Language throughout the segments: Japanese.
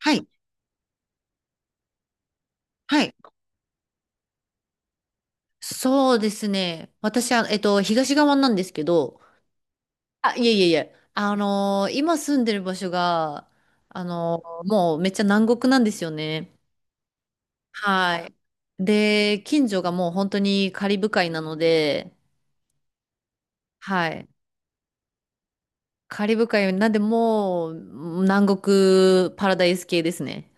はい。はい。そうですね。私は、東側なんですけど、あ、いえいえいえ、今住んでる場所が、もうめっちゃ南国なんですよね。はい。で、近所がもう本当にカリブ海なので、はい。カリブ海なんでもう南国パラダイス系ですね。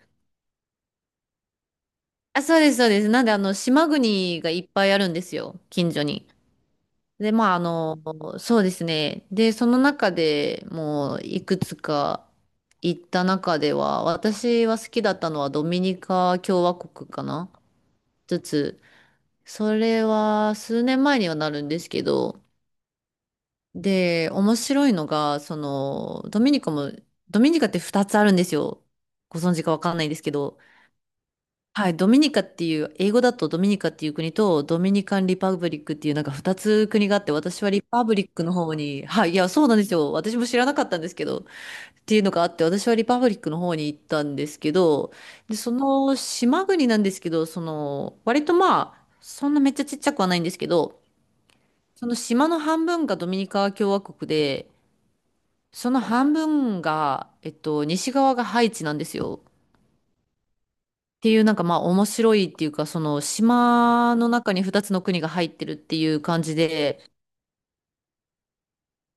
あ、そうです、そうです。なんで島国がいっぱいあるんですよ、近所に。で、まあ、そうですね。で、その中でもういくつか行った中では、私は好きだったのはドミニカ共和国かな一つ。それは数年前にはなるんですけど、で、面白いのが、その、ドミニカって2つあるんですよ。ご存知かわかんないんですけど。はい、ドミニカっていう、英語だとドミニカっていう国と、ドミニカン・リパブリックっていうなんか2つ国があって、私はリパブリックの方に、はい、いや、そうなんですよ。私も知らなかったんですけど、っていうのがあって、私はリパブリックの方に行ったんですけど、で、その島国なんですけど、その、割とまあ、そんなめっちゃちっちゃくはないんですけど、その島の半分がドミニカ共和国で、その半分が、西側がハイチなんですよ。っていうなんかまあ面白いっていうかその島の中に2つの国が入ってるっていう感じで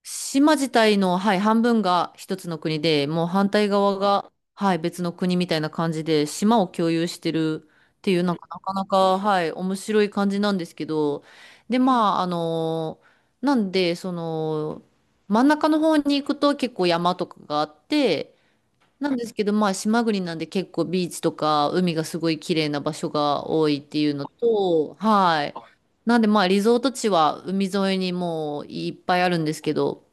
島自体の、はい、半分が一つの国でもう反対側が、はい、別の国みたいな感じで島を共有してるっていうなんかなかなか、はい、面白い感じなんですけど。で、まあ、なんでその真ん中の方に行くと結構山とかがあってなんですけど、まあ、島国なんで結構ビーチとか海がすごい綺麗な場所が多いっていうのと、はい。なんで、まあ、リゾート地は海沿いにもういっぱいあるんですけど、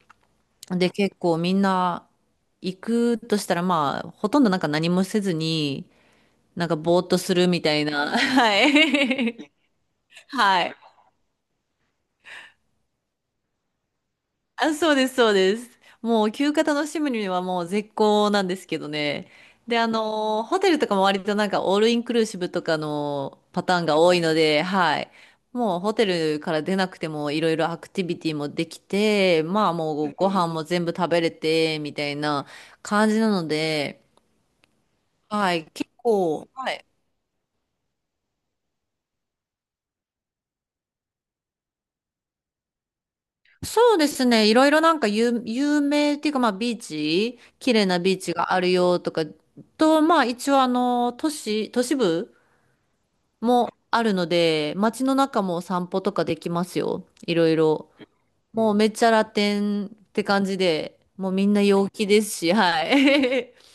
で、結構みんな行くとしたら、まあ、ほとんどなんか何もせずに、なんかぼーっとするみたいな、はい。はい。あ、そうです、そうです。もう休暇楽しむにはもう絶好なんですけどね。で、ホテルとかも割となんかオールインクルーシブとかのパターンが多いので、はい。もうホテルから出なくてもいろいろアクティビティもできて、まあもうご飯も全部食べれて、みたいな感じなので、はい。結構、はい。そうですね。いろいろなんか有名っていうか、まあビーチ、綺麗なビーチがあるよとか、と、まあ一応都市部もあるので、街の中も散歩とかできますよ。いろいろ。もうめっちゃラテンって感じで、もうみんな陽気ですし、はい。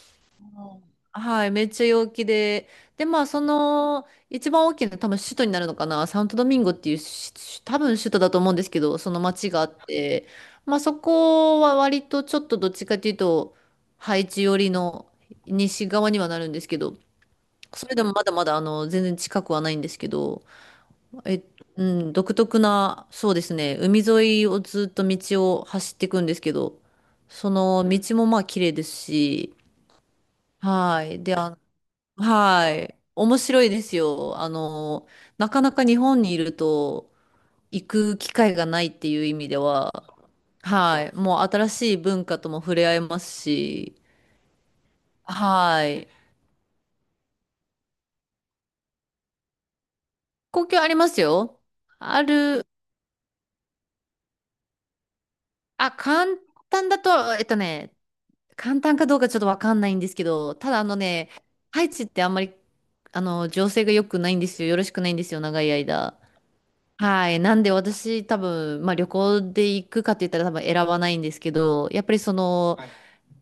はい、めっちゃ陽気で。で、まあ、その、一番大きな、多分首都になるのかな、サントドミンゴっていうし、多分首都だと思うんですけど、その町があって、まあ、そこは割とちょっとどっちかというと、ハイチ寄りの西側にはなるんですけど、それでもまだまだ、全然近くはないんですけど、えっと、うん、独特な、そうですね、海沿いをずっと道を走っていくんですけど、その道もまあ、綺麗ですし、はい。で、はい。面白いですよ。なかなか日本にいると行く機会がないっていう意味では、はい。もう新しい文化とも触れ合えますし、はい。公共ありますよ。ある、あ、簡単だと、簡単かどうかちょっとわかんないんですけど、ただハイチってあんまり、情勢が良くないんですよ。よろしくないんですよ、長い間。はい。なんで私多分、まあ旅行で行くかって言ったら多分選ばないんですけど、やっぱりその、はい。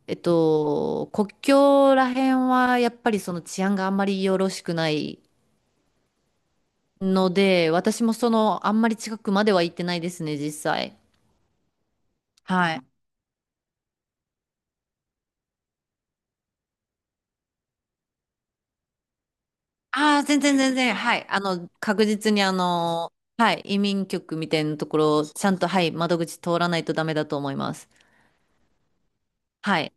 国境ら辺はやっぱりその治安があんまりよろしくないので、私もその、あんまり近くまでは行ってないですね、実際。はい。ああ、全然全然、はい。確実にはい、移民局みたいなところ、ちゃんと、はい、窓口通らないとダメだと思います。はい。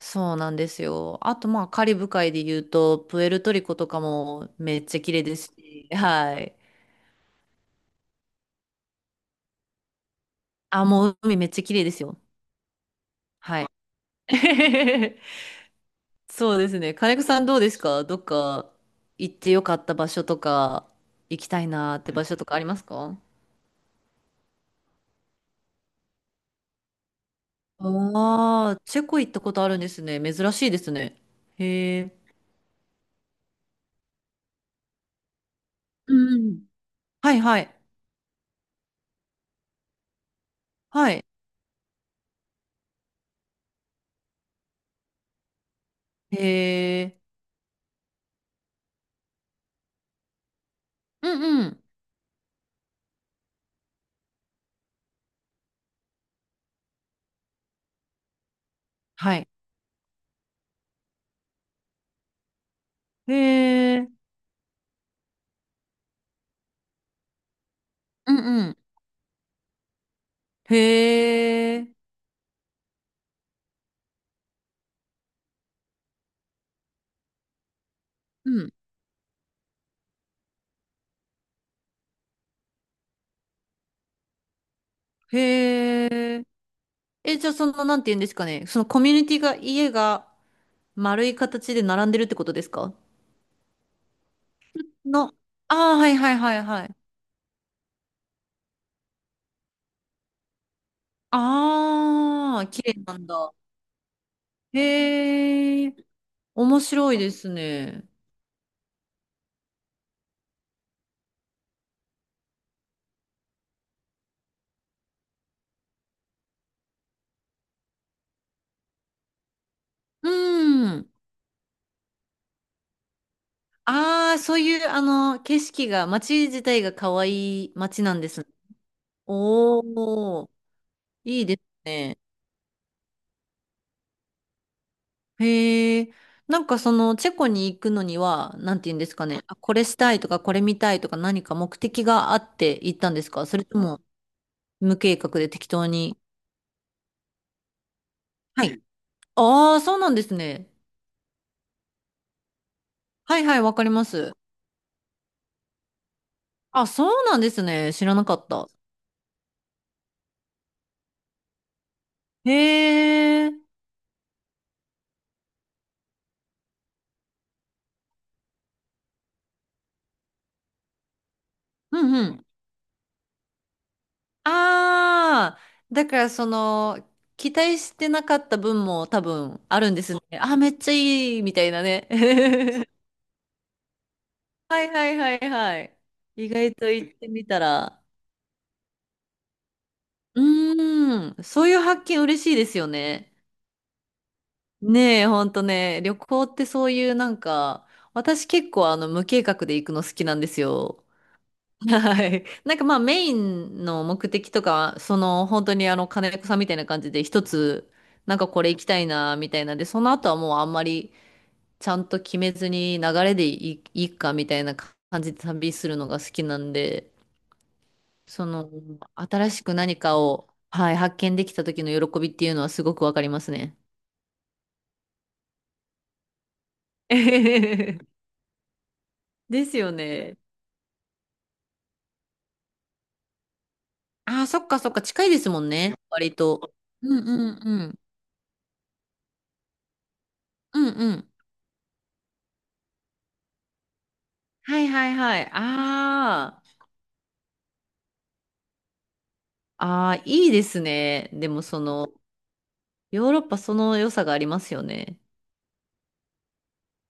そうなんですよ。あと、まあ、カリブ海で言うと、プエルトリコとかもめっちゃ綺麗ですし、はい。あ、もう海めっちゃ綺麗ですよ。はい。そうですね。金子さんどうですか？どっか行ってよかった場所とか、行きたいなーって場所とかありますか？ああー、チェコ行ったことあるんですね。珍しいですね。へえ。うん。はいはい。はい。へえ。うんうん。はい。へえ。うんうん。へえ。うん。へえ。え、じゃあその、なんて言うんですかね。そのコミュニティが、家が丸い形で並んでるってことですかの？ああ、はいはいはいはい。ああ、綺麗なんだ。へえ。面白いですね。うん。ああ、そういう、景色が、街自体が可愛い街なんですね。おお、いいですね。へえ、なんかそのチェコに行くのには、なんて言うんですかね。あ、これしたいとか、これ見たいとか、何か目的があって行ったんですか？それとも無計画で適当に。はい。ああ、そうなんですね。はいはい、わかります。あ、そうなんですね。知らなかった。へえ、うんうん。ああ、だからその、期待してなかった分も多分あるんですね。あ、めっちゃいい、みたいなね。はいはいはいはい。意外と行ってみたら。うーん。そういう発見嬉しいですよね。ねえ、ほんとね。旅行ってそういうなんか、私結構無計画で行くの好きなんですよ。はい。なんかまあメインの目的とか、その本当に金子さんみたいな感じで一つ、なんかこれ行きたいなみたいなんで、その後はもうあんまりちゃんと決めずに流れでいいかみたいな感じで旅するのが好きなんで。その、新しく何かを、はい、発見できた時の喜びっていうのはすごくわかりますね。ですよね。ああ、そっかそっか、近いですもんね、割と。うんうんうん。うんうん。はいはいはい。ああ、ああ、いいですね。でもその、ヨーロッパその良さがありますよね。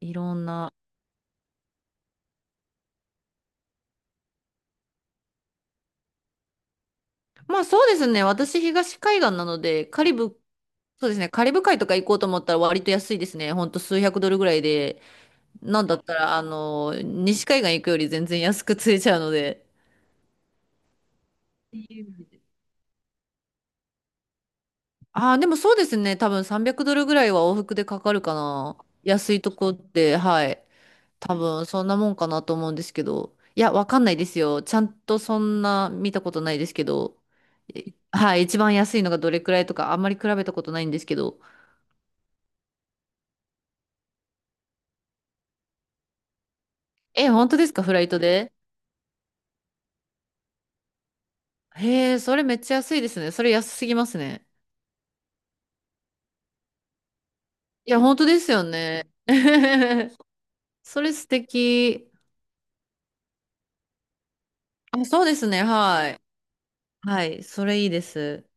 いろんな。まあそうですね。私、東海岸なので、カリブ、そうですね。カリブ海とか行こうと思ったら割と安いですね。ほんと数百ドルぐらいでなんだったら、西海岸行くより全然安く釣れちゃうので。ああ、でもそうですね。多分300ドルぐらいは往復でかかるかな。安いとこって、はい。多分そんなもんかなと思うんですけど。いや、わかんないですよ。ちゃんとそんな見たことないですけど。えはい、一番安いのがどれくらいとか、あんまり比べたことないんですけど。え、本当ですかフライトで？へえ、それめっちゃ安いですね。それ安すぎますね。いや、本当ですよね。それ素敵。あ、そうですね。はい。はい。それいいです。